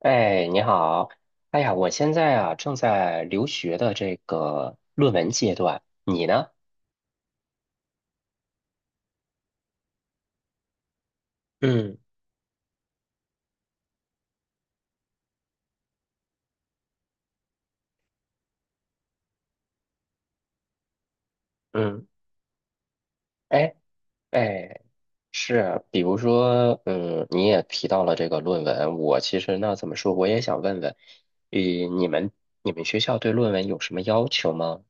哎，你好。哎呀，我现在啊正在留学的这个论文阶段，你呢？嗯嗯。哎哎，是，比如说，你也提到了这个论文，我其实那怎么说，我也想问问，呃，你们你们学校对论文有什么要求吗？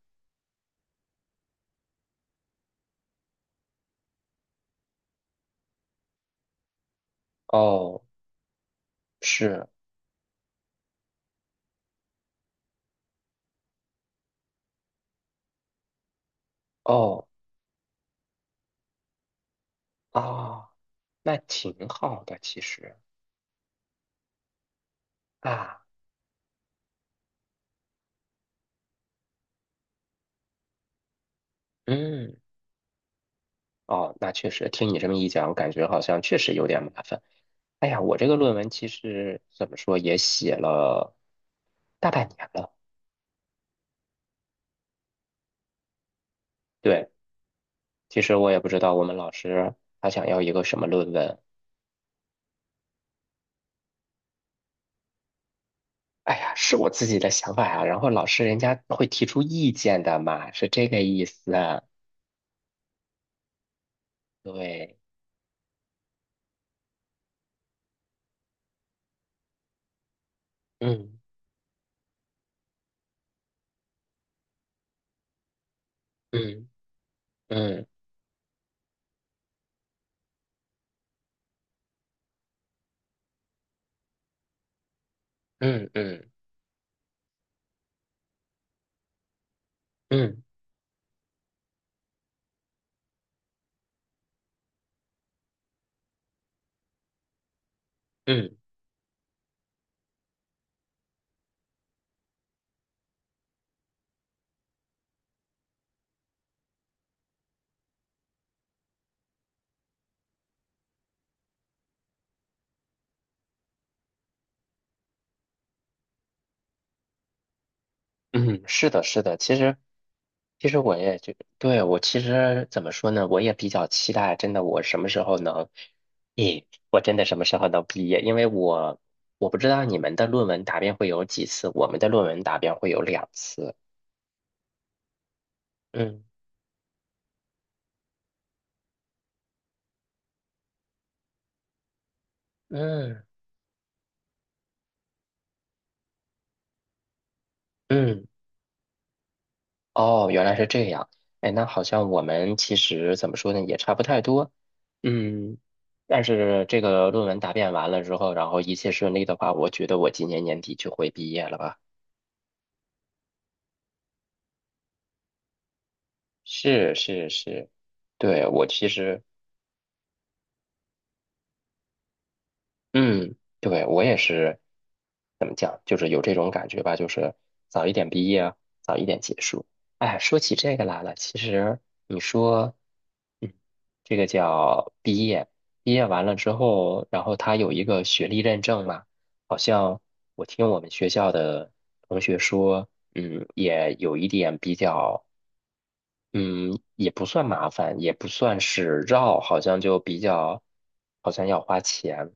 哦，是。哦啊，那挺好的，其实啊。嗯。哦，那确实，听你这么一讲，感觉好像确实有点麻烦。哎呀，我这个论文其实怎么说也写了大半年了。对，其实我也不知道我们老师他想要一个什么论文。哎呀，是我自己的想法呀。然后老师人家会提出意见的嘛，是这个意思啊。对。嗯嗯嗯嗯嗯嗯嗯嗯。嗯，是的，是的。其实我也就，对。我其实怎么说呢，我也比较期待，真的，我什么时候能，咦，我真的什么时候能毕业？因为我不知道你们的论文答辩会有几次，我们的论文答辩会有2次。嗯嗯嗯。哦，原来是这样。哎，那好像我们其实怎么说呢，也差不太多。嗯，但是这个论文答辩完了之后，然后一切顺利的话，我觉得我今年年底就会毕业了吧。是是是，对，我其实。嗯，对，我也是，怎么讲，就是有这种感觉吧，就是早一点毕业啊，早一点结束。哎，说起这个来了，其实你说。嗯，这个叫毕业，毕业完了之后，然后他有一个学历认证嘛。好像我听我们学校的同学说，也有一点比较。嗯，也不算麻烦，也不算是绕，好像就比较，好像要花钱。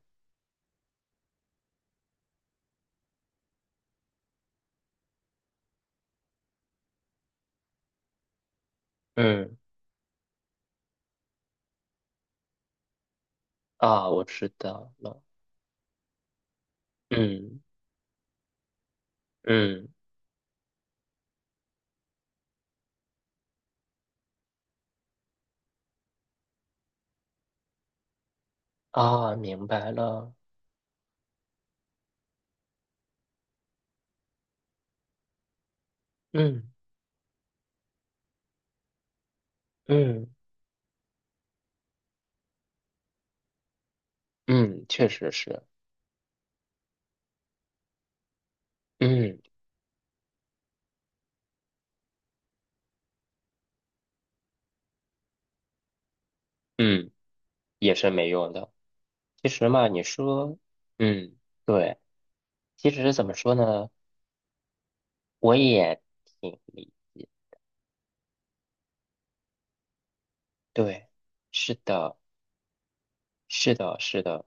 嗯，啊，我知道了。嗯嗯，啊，明白了。嗯嗯嗯，确实是。嗯嗯，也是没用的。其实嘛，你说。嗯，对，其实怎么说呢，我也挺理解。对，是的，是的，是的。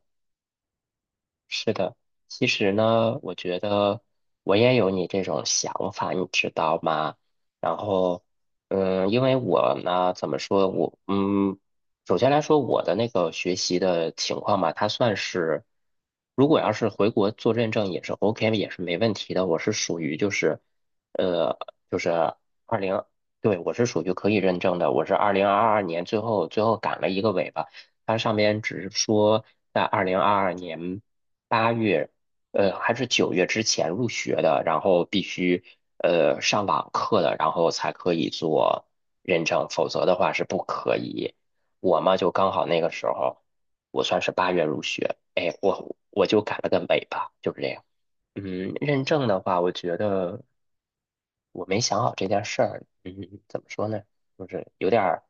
是的，其实呢，我觉得我也有你这种想法，你知道吗？然后，因为我呢，怎么说，首先来说，我的那个学习的情况吧，它算是，如果要是回国做认证也是 OK，也是没问题的。我是属于就是，呃，就是二零，对，我是属于可以认证的。我是二零二二年最后最后赶了一个尾巴。它上面只是说在二零二二年。八月，还是9月之前入学的，然后必须上网课的，然后才可以做认证，否则的话是不可以。我嘛，就刚好那个时候，我算是八月入学，哎，我就改了个尾巴，就是这样。认证的话，我觉得我没想好这件事儿。嗯，怎么说呢？就是有点儿，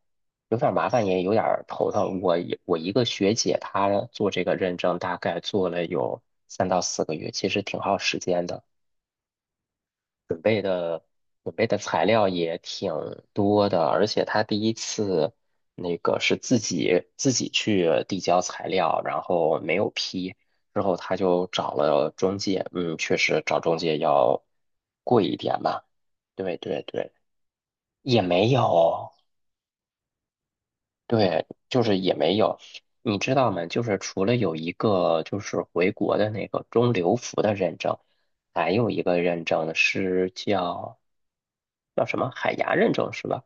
有点儿麻烦，也有点儿头疼。我一个学姐，她做这个认证，大概做了有3到4个月，其实挺耗时间的。准备。准备的材料也挺多的，而且他第一次那个是自己去递交材料，然后没有批，之后他就找了中介，确实找中介要贵一点吧，对对对，也没有，对，就是也没有，你知道吗？就是除了有一个就是回国的那个中留服的认证，还有一个认证是叫什么海牙认证是吧？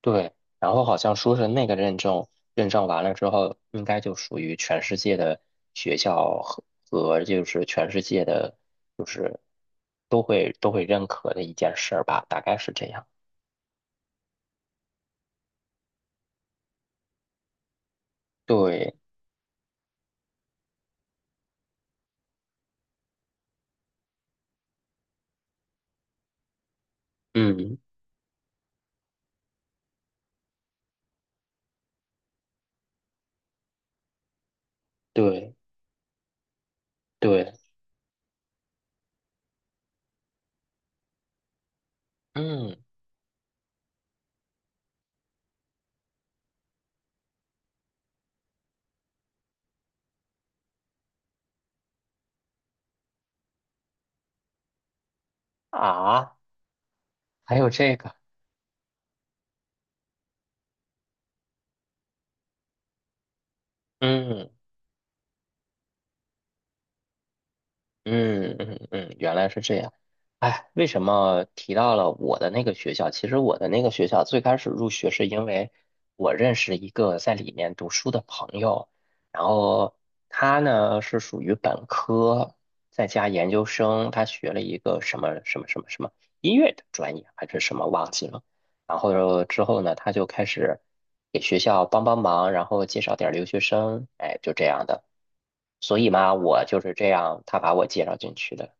对，然后好像说是那个认证完了之后，应该就属于全世界的学校和就是全世界的，就是都会认可的一件事儿吧，大概是这样。对，嗯，对对，嗯啊，还有这个，嗯。嗯嗯嗯，原来是这样。哎，为什么提到了我的那个学校？其实我的那个学校最开始入学是因为我认识一个在里面读书的朋友，然后他呢是属于本科，再加研究生，他学了一个什么什么什么什么音乐的专业还是什么忘记了。然后之后呢，他就开始给学校帮帮忙，然后介绍点儿留学生，哎，就这样的。所以嘛，我就是这样，他把我介绍进去的。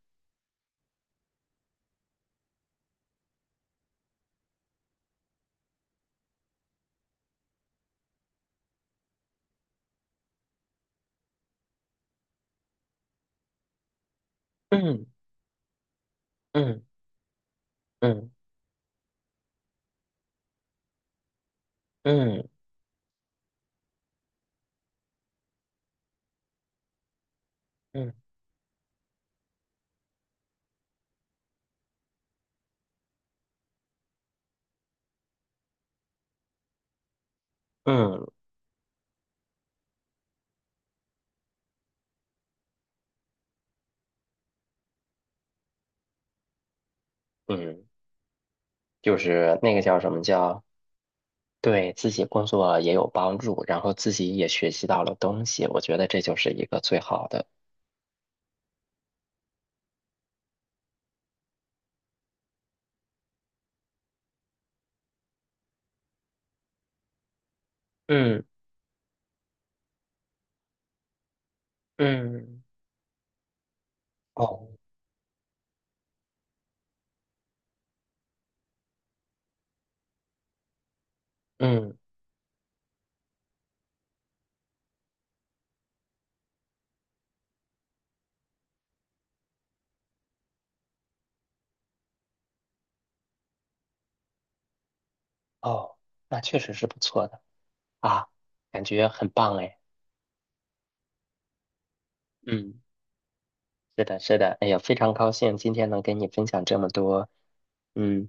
嗯嗯嗯嗯嗯嗯嗯，就是那个叫什么叫，对自己工作也有帮助，然后自己也学习到了东西，我觉得这就是一个最好的。嗯嗯哦嗯哦，那确实是不错的啊，感觉很棒哎。嗯，是的，是的，哎呀，非常高兴今天能跟你分享这么多，嗯，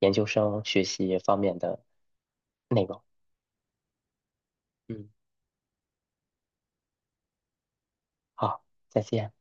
研究生学习方面的。那个，嗯，好，再见。